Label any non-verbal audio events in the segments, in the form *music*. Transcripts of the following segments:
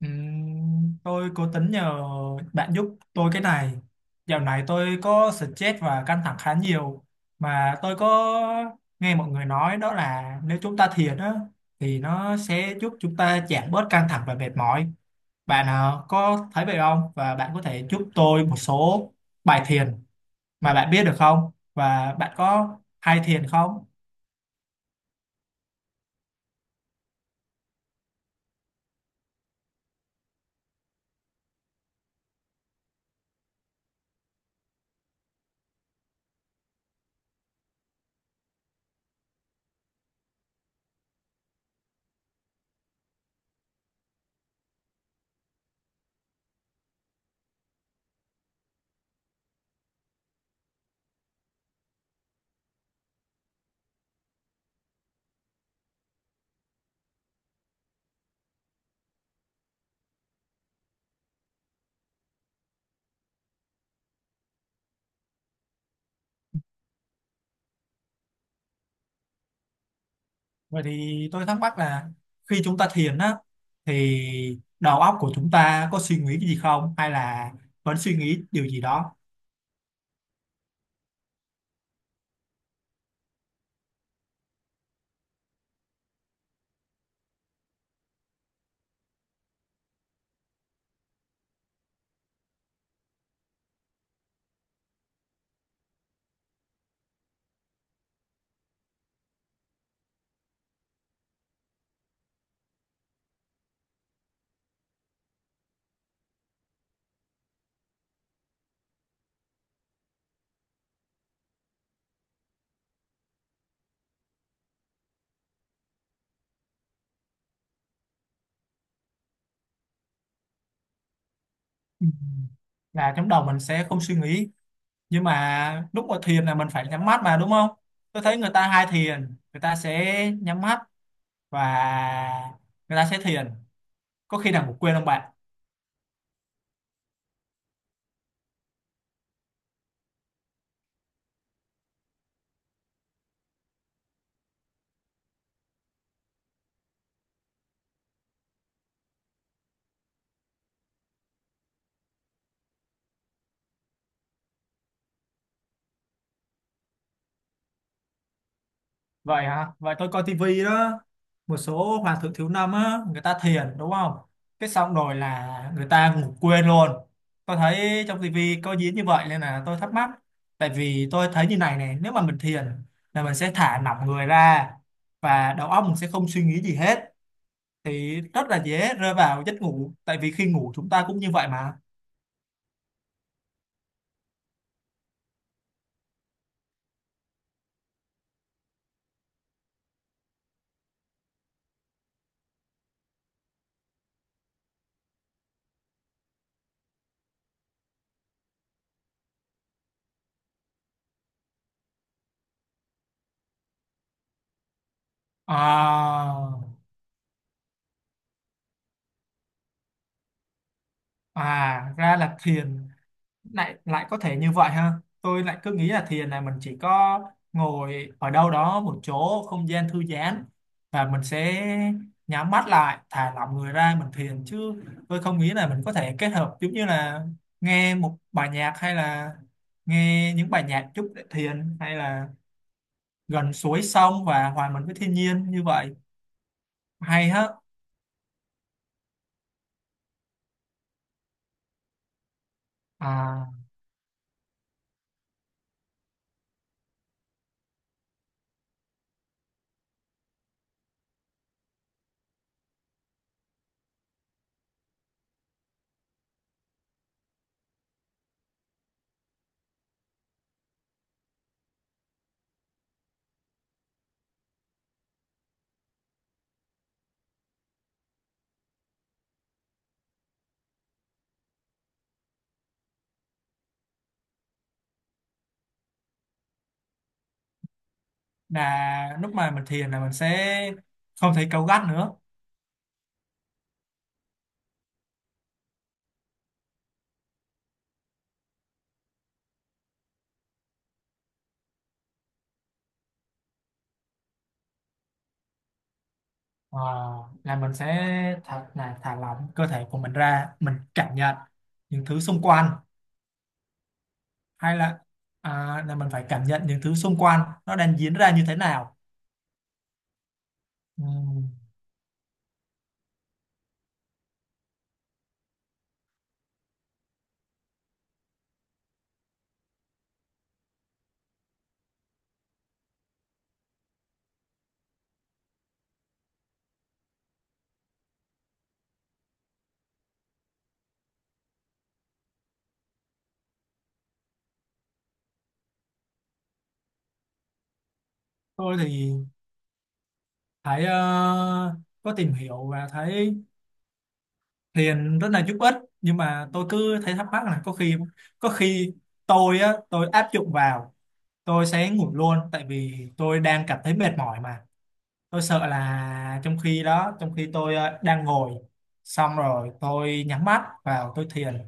Tôi cố tính nhờ bạn giúp tôi cái này. Dạo này tôi có stress và căng thẳng khá nhiều mà tôi có nghe mọi người nói đó là nếu chúng ta thiền á thì nó sẽ giúp chúng ta giảm bớt căng thẳng và mệt mỏi. Bạn có thấy vậy không? Và bạn có thể giúp tôi một số bài thiền mà bạn biết được không? Và bạn có hay thiền không? Vậy thì tôi thắc mắc là khi chúng ta thiền á thì đầu óc của chúng ta có suy nghĩ cái gì không hay là vẫn suy nghĩ điều gì đó. Ừ, là trong đầu mình sẽ không suy nghĩ, nhưng mà lúc mà thiền là mình phải nhắm mắt mà đúng không? Tôi thấy người ta hay thiền, người ta sẽ nhắm mắt và người ta sẽ thiền, có khi nào ngủ quên không bạn? Vậy hả? Vậy tôi coi tivi đó. Một số hoàng thượng thiếu năm á, người ta thiền đúng không? Cái xong rồi là người ta ngủ quên luôn. Tôi thấy trong tivi có diễn như vậy nên là tôi thắc mắc. Tại vì tôi thấy như này này, nếu mà mình thiền là mình sẽ thả lỏng người ra và đầu óc mình sẽ không suy nghĩ gì hết. Thì rất là dễ rơi vào giấc ngủ. Tại vì khi ngủ chúng ta cũng như vậy mà. À, à ra là thiền. Lại lại có thể như vậy ha, tôi lại cứ nghĩ là thiền là mình chỉ có ngồi ở đâu đó một chỗ không gian thư giãn và mình sẽ nhắm mắt lại thả lỏng người ra mình thiền chứ, tôi không nghĩ là mình có thể kết hợp giống như là nghe một bài nhạc hay là nghe những bài nhạc chút để thiền hay là gần suối sông và hòa mình với thiên nhiên như vậy, hay hết. À, là lúc mà mình thiền là mình sẽ không thấy cáu gắt nữa. Ờ, là mình sẽ thật là thả lỏng cơ thể của mình ra, mình cảm nhận những thứ xung quanh, hay là à, là mình phải cảm nhận những thứ xung quanh nó đang diễn ra như thế nào. Ừm, tôi thì thấy có tìm hiểu và thấy thiền rất là giúp ích, nhưng mà tôi cứ thấy thắc mắc là có khi tôi á, tôi áp dụng vào tôi sẽ ngủ luôn, tại vì tôi đang cảm thấy mệt mỏi mà. Tôi sợ là trong khi đó, trong khi tôi đang ngồi xong rồi tôi nhắm mắt vào tôi thiền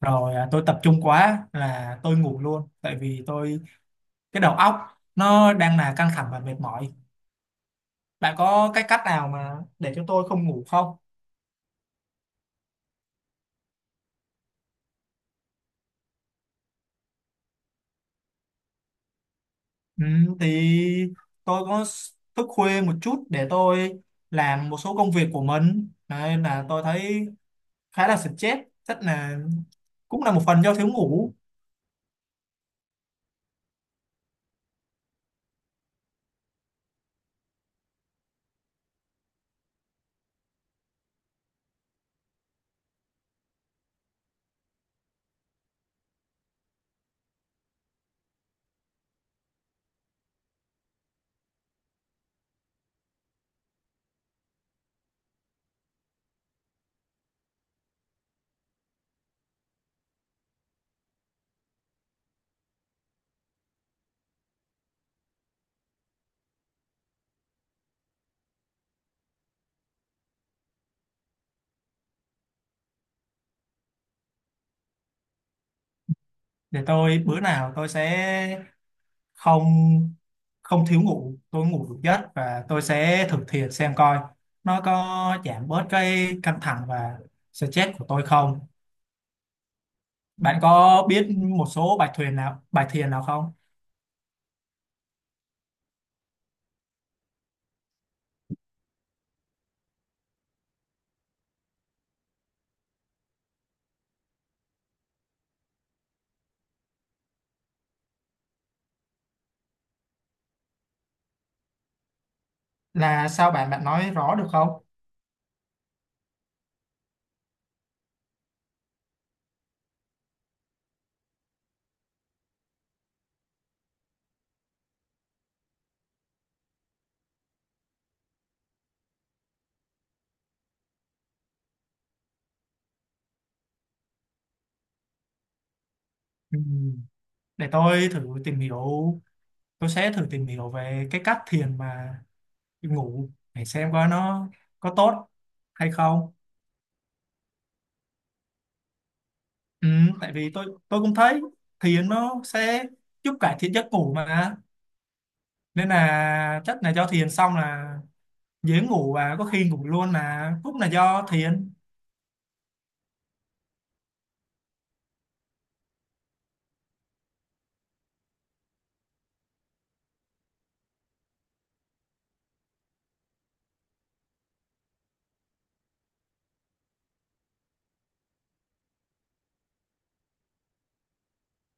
rồi tôi tập trung quá là tôi ngủ luôn, tại vì tôi cái đầu óc nó đang là căng thẳng và mệt mỏi. Bạn có cái cách nào mà để cho tôi không ngủ không? Ừ, thì tôi có s- thức khuya một chút để tôi làm một số công việc của mình. Đấy, nên là tôi thấy khá là stress, chắc là cũng là một phần do thiếu ngủ. Để tôi bữa nào tôi sẽ không không thiếu ngủ, tôi ngủ đủ giấc và tôi sẽ thực hiện xem coi nó có giảm bớt cái căng thẳng và stress của tôi không. Bạn có biết một số bài thiền nào, bài thiền nào không? Là sao bạn, bạn nói rõ được không? Ừ, để tôi thử tìm hiểu, tôi sẽ thử tìm hiểu về cái cách thiền mà ngủ để xem coi nó có tốt hay không. Ừ, tại vì tôi cũng thấy thiền nó sẽ giúp cải thiện giấc ngủ mà, nên là chắc là do thiền xong là dễ ngủ, và có khi ngủ luôn là cũng là do thiền.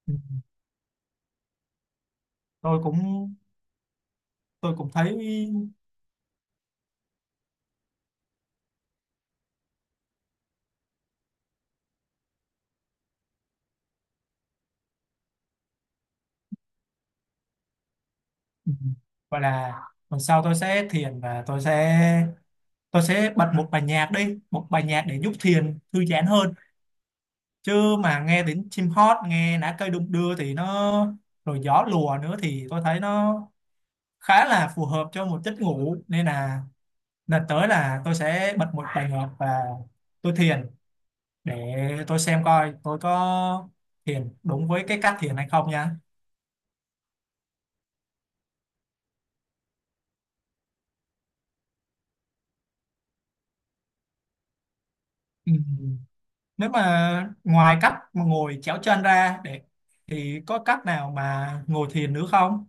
ừ, tôi cũng tôi cũng thấy. Ừ, gọi là tuần sau tôi sẽ thiền và tôi sẽ bật một bài nhạc đi, một bài nhạc để giúp thiền thư giãn hơn, chứ mà nghe đến chim hót, nghe lá cây đung đưa thì nó, rồi gió lùa nữa thì tôi thấy nó khá là phù hợp cho một giấc ngủ. Nên là lần tới là tôi sẽ bật một bài nhạc và tôi thiền để tôi xem coi tôi có thiền đúng với cái cách thiền hay không nha. Ừ, nếu mà ngoài cách mà ngồi chéo chân ra để thì có cách nào mà ngồi thiền nữa không?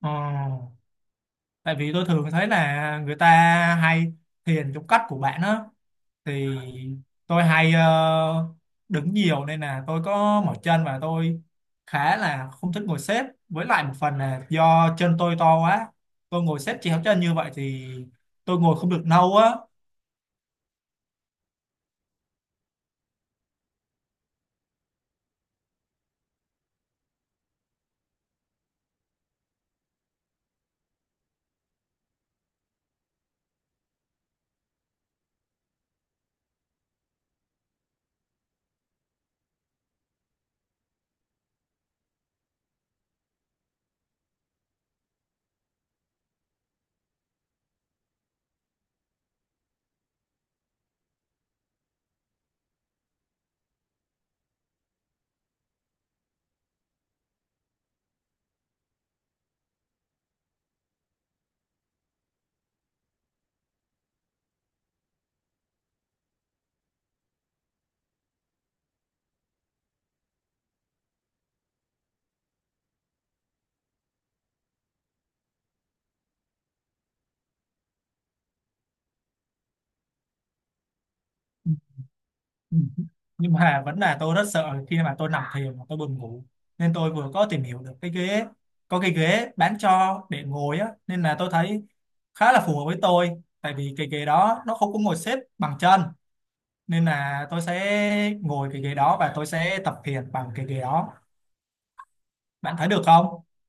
Ờ, tại vì tôi thường thấy là người ta hay thiền trong cách của bạn á, thì tôi hay đứng nhiều nên là tôi có mỏi chân và tôi khá là không thích ngồi xếp, với lại một phần là do chân tôi to quá, tôi ngồi xếp chéo chân như vậy thì tôi ngồi không được lâu á *laughs* Ừ, ừ, nhưng mà vẫn là tôi rất sợ khi mà tôi nằm thiền mà tôi buồn ngủ, nên tôi vừa có tìm hiểu được cái ghế, có cái ghế bán cho để ngồi á, nên là tôi thấy khá là phù hợp với tôi. Tại vì cái ghế đó nó không có ngồi xếp bằng chân, nên là tôi sẽ ngồi cái ghế đó và tôi sẽ tập thiền bằng cái ghế đó. Bạn thấy được không?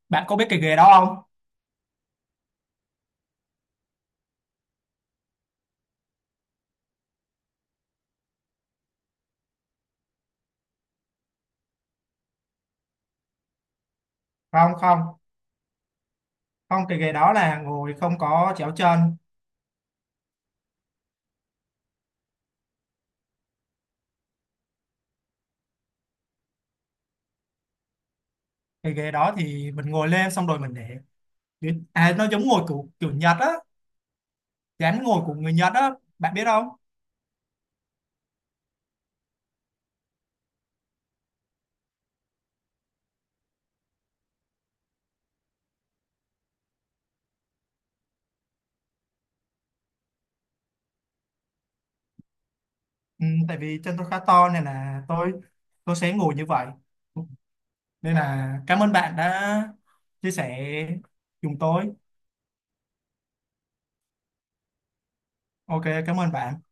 Bạn có biết cái ghế đó không? Không không không, cái ghế đó là ngồi không có chéo chân. Cái ghế đó thì mình ngồi lên xong rồi mình để, à nó giống ngồi của kiểu Nhật á, dáng ngồi của người Nhật á, bạn biết không? Ừ, tại vì chân tôi khá to nên là tôi sẽ ngồi như vậy. Nên là cảm ơn bạn đã chia sẻ cùng tôi. Ok, cảm ơn bạn.